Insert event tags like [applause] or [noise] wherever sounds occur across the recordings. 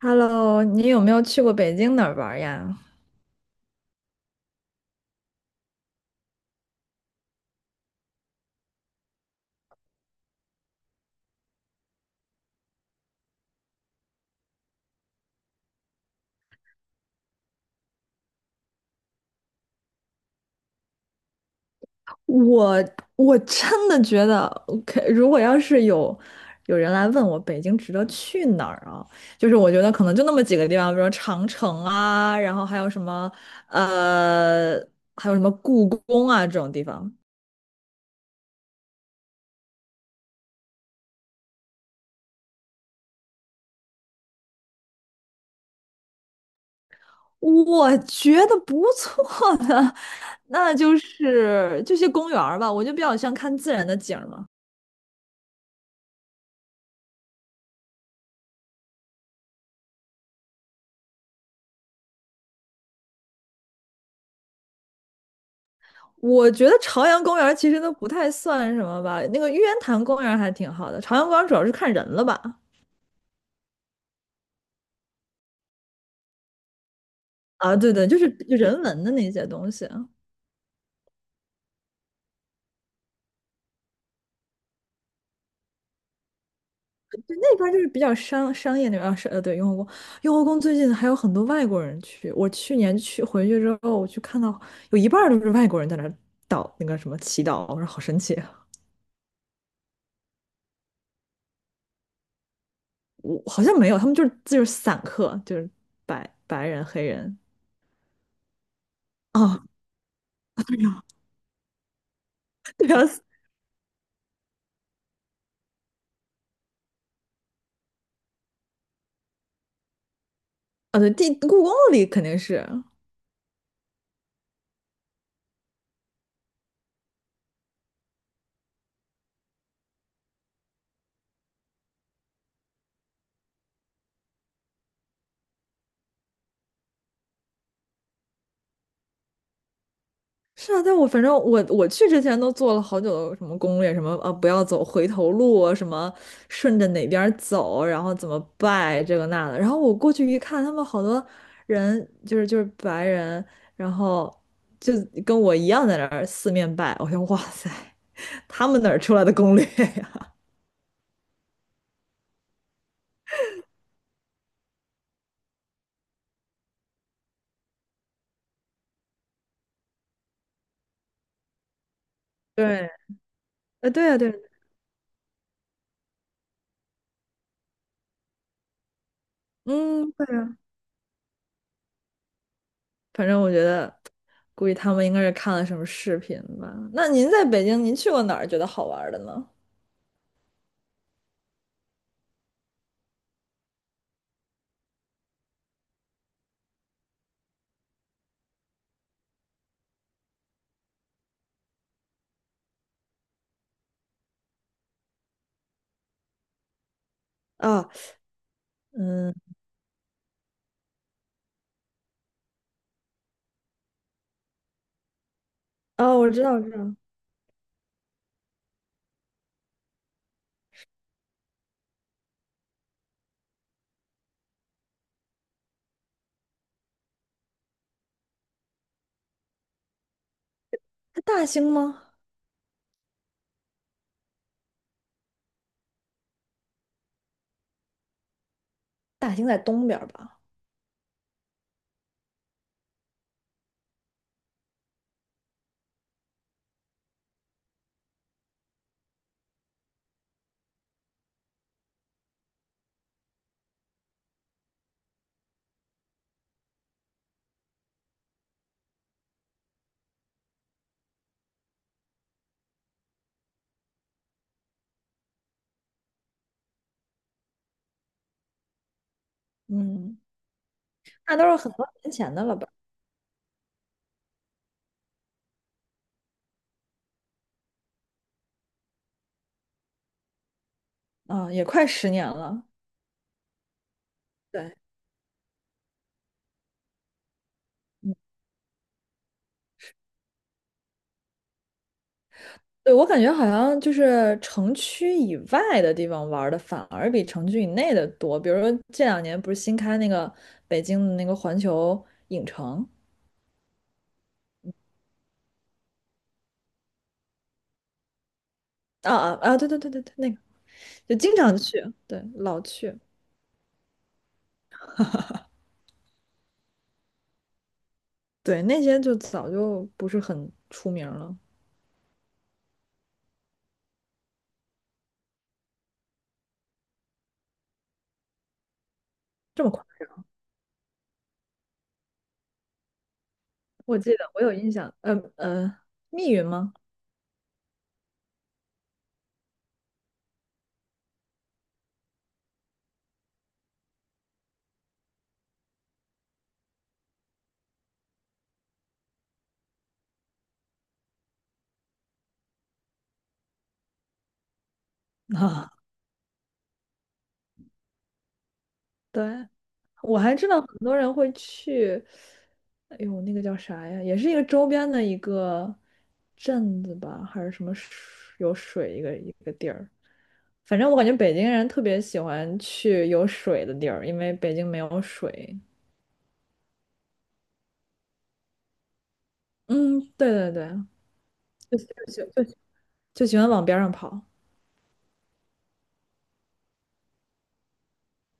Hello,你有没有去过北京哪儿玩儿呀？我我真的觉得，OK,如果要是有人来问我北京值得去哪儿啊，就是我觉得可能就那么几个地方，比如说长城啊，然后呃，还有什么故宫啊这种地方，我觉得不错的，[laughs] 那就是这些公园儿吧，我就比较像看自然的景儿嘛。我觉得朝阳公园其实都不太算什么吧，那个玉渊潭公园还挺好的，朝阳公园主要是看人了吧？啊，对对，就是就人文的那些东西啊，那边就是比较商业那边啊对，雍和宫，雍和宫最近还有很多外国人去，我去年去回去之后，我去看到有一半儿都是外国人在那儿祷那个什么祈祷，我说好神奇啊。我好像没有，他们就是散客，就是白人黑人，啊。[laughs] 对呀，对呀，啊，对，故宫里肯定是。是啊，但我反正我去之前都做了好久的什么攻略，什么不要走回头路啊，什么顺着哪边儿走，然后怎么拜这个那的。然后我过去一看，他们好多人就是白人，然后就跟我一样在那儿四面拜。我想哇塞，他们哪儿出来的攻略呀？[laughs] 对，呃对呀、啊、对啊，嗯对呀、反正我觉得估计他们应该是看了什么视频吧。那您在北京，您去过哪儿觉得好玩儿的呢？啊，嗯。哦，我知道，我知道，它大兴吗？大兴在东边儿吧？嗯，那都是很多年前的了吧？啊，也快十年了。对，嗯，对，我感觉好像就是城区以外的地方玩儿的反而比城区以内的多。比如说这两年不是新开那个北京的那个环球影城。啊啊啊！对对对对对，那个就经常去，对，老去，对，那些就早就不是很出名儿了。这么快，我记得我有印象，密云吗？[laughs] 啊，对，我还知道很多人会去，哎呦，那个叫啥呀？也是一个周边的一个镇子吧，还是什么有水一个一个地儿。反正我感觉北京人特别喜欢去有水的地儿，因为北京没有水。嗯，对对对，就就喜欢往边上跑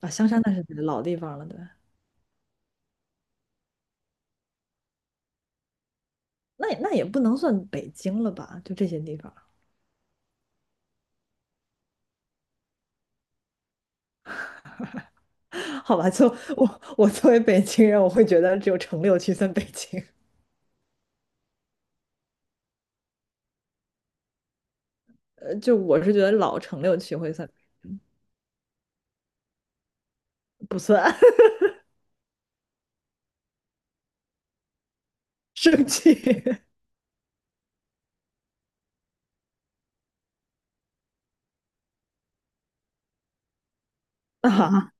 啊。香山那是老地方了，对，那也那也不能算北京了吧？就这些地方。[laughs] 好吧，就我作为北京人，我会觉得只有城六区算北京，就我是觉得老城六区会算，不算。 [laughs] 生气。 [laughs] 啊，啊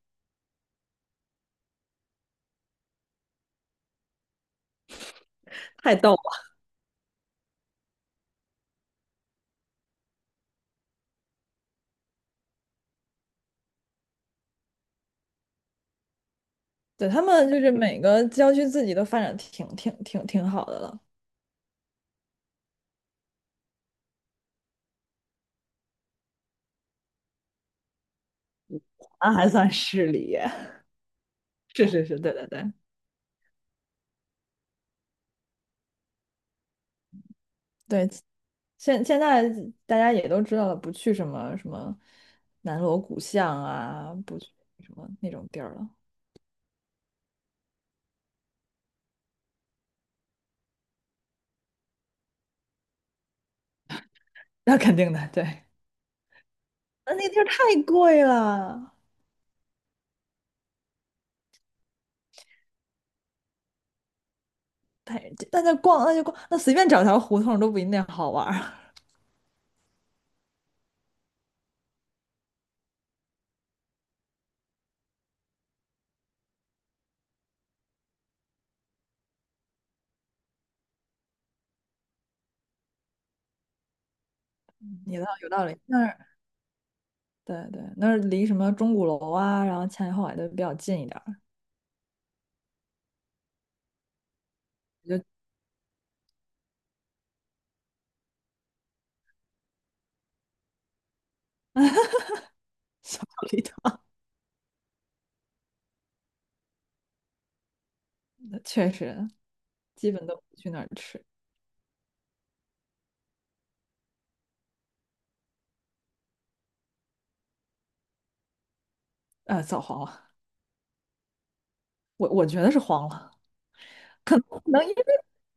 太逗了。对，他们就是每个郊区自己都发展挺好的了，那还算市里。[laughs] 是是是，对对对。对，现现在大家也都知道了，不去什么什么南锣鼓巷啊，不去什么那种地儿了，那肯定的，对，那那地儿太贵了。太，那就逛，那就逛，那随便找条胡同都不一定好玩儿。[laughs] 你倒有道理，那儿对对，那儿离什么钟鼓楼啊，然后前海后海都比较近一点儿，也就离它。 [laughs] 确实基本都不去那儿吃。呃，早黄了，我我觉得是黄了，可能可能因为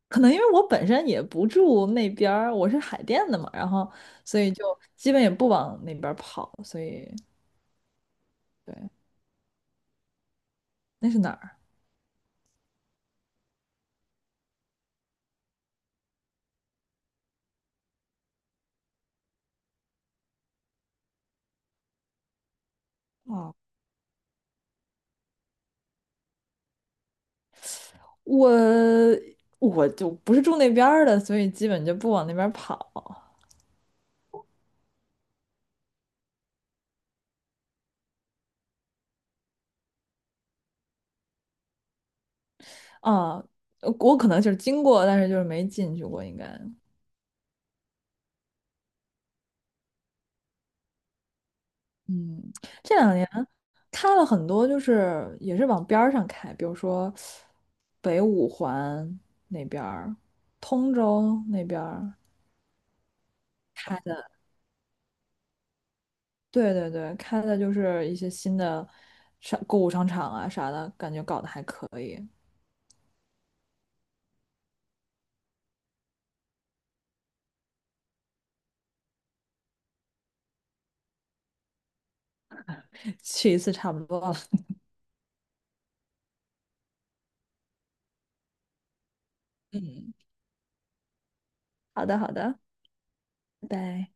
可能因为我本身也不住那边儿，我是海淀的嘛，然后所以就基本也不往那边儿跑，所以对，那是哪儿啊？哦我我就不是住那边儿的，所以基本就不往那边儿跑啊。我可能就是经过，但是就是没进去过，应该。嗯，这两年开了很多，就是也是往边儿上开，比如说北五环那边儿、通州那边儿开的，对对对，开的就是一些新的购物商场啊啥的，感觉搞得还可以，去一次差不多了。嗯，好的好的，拜拜。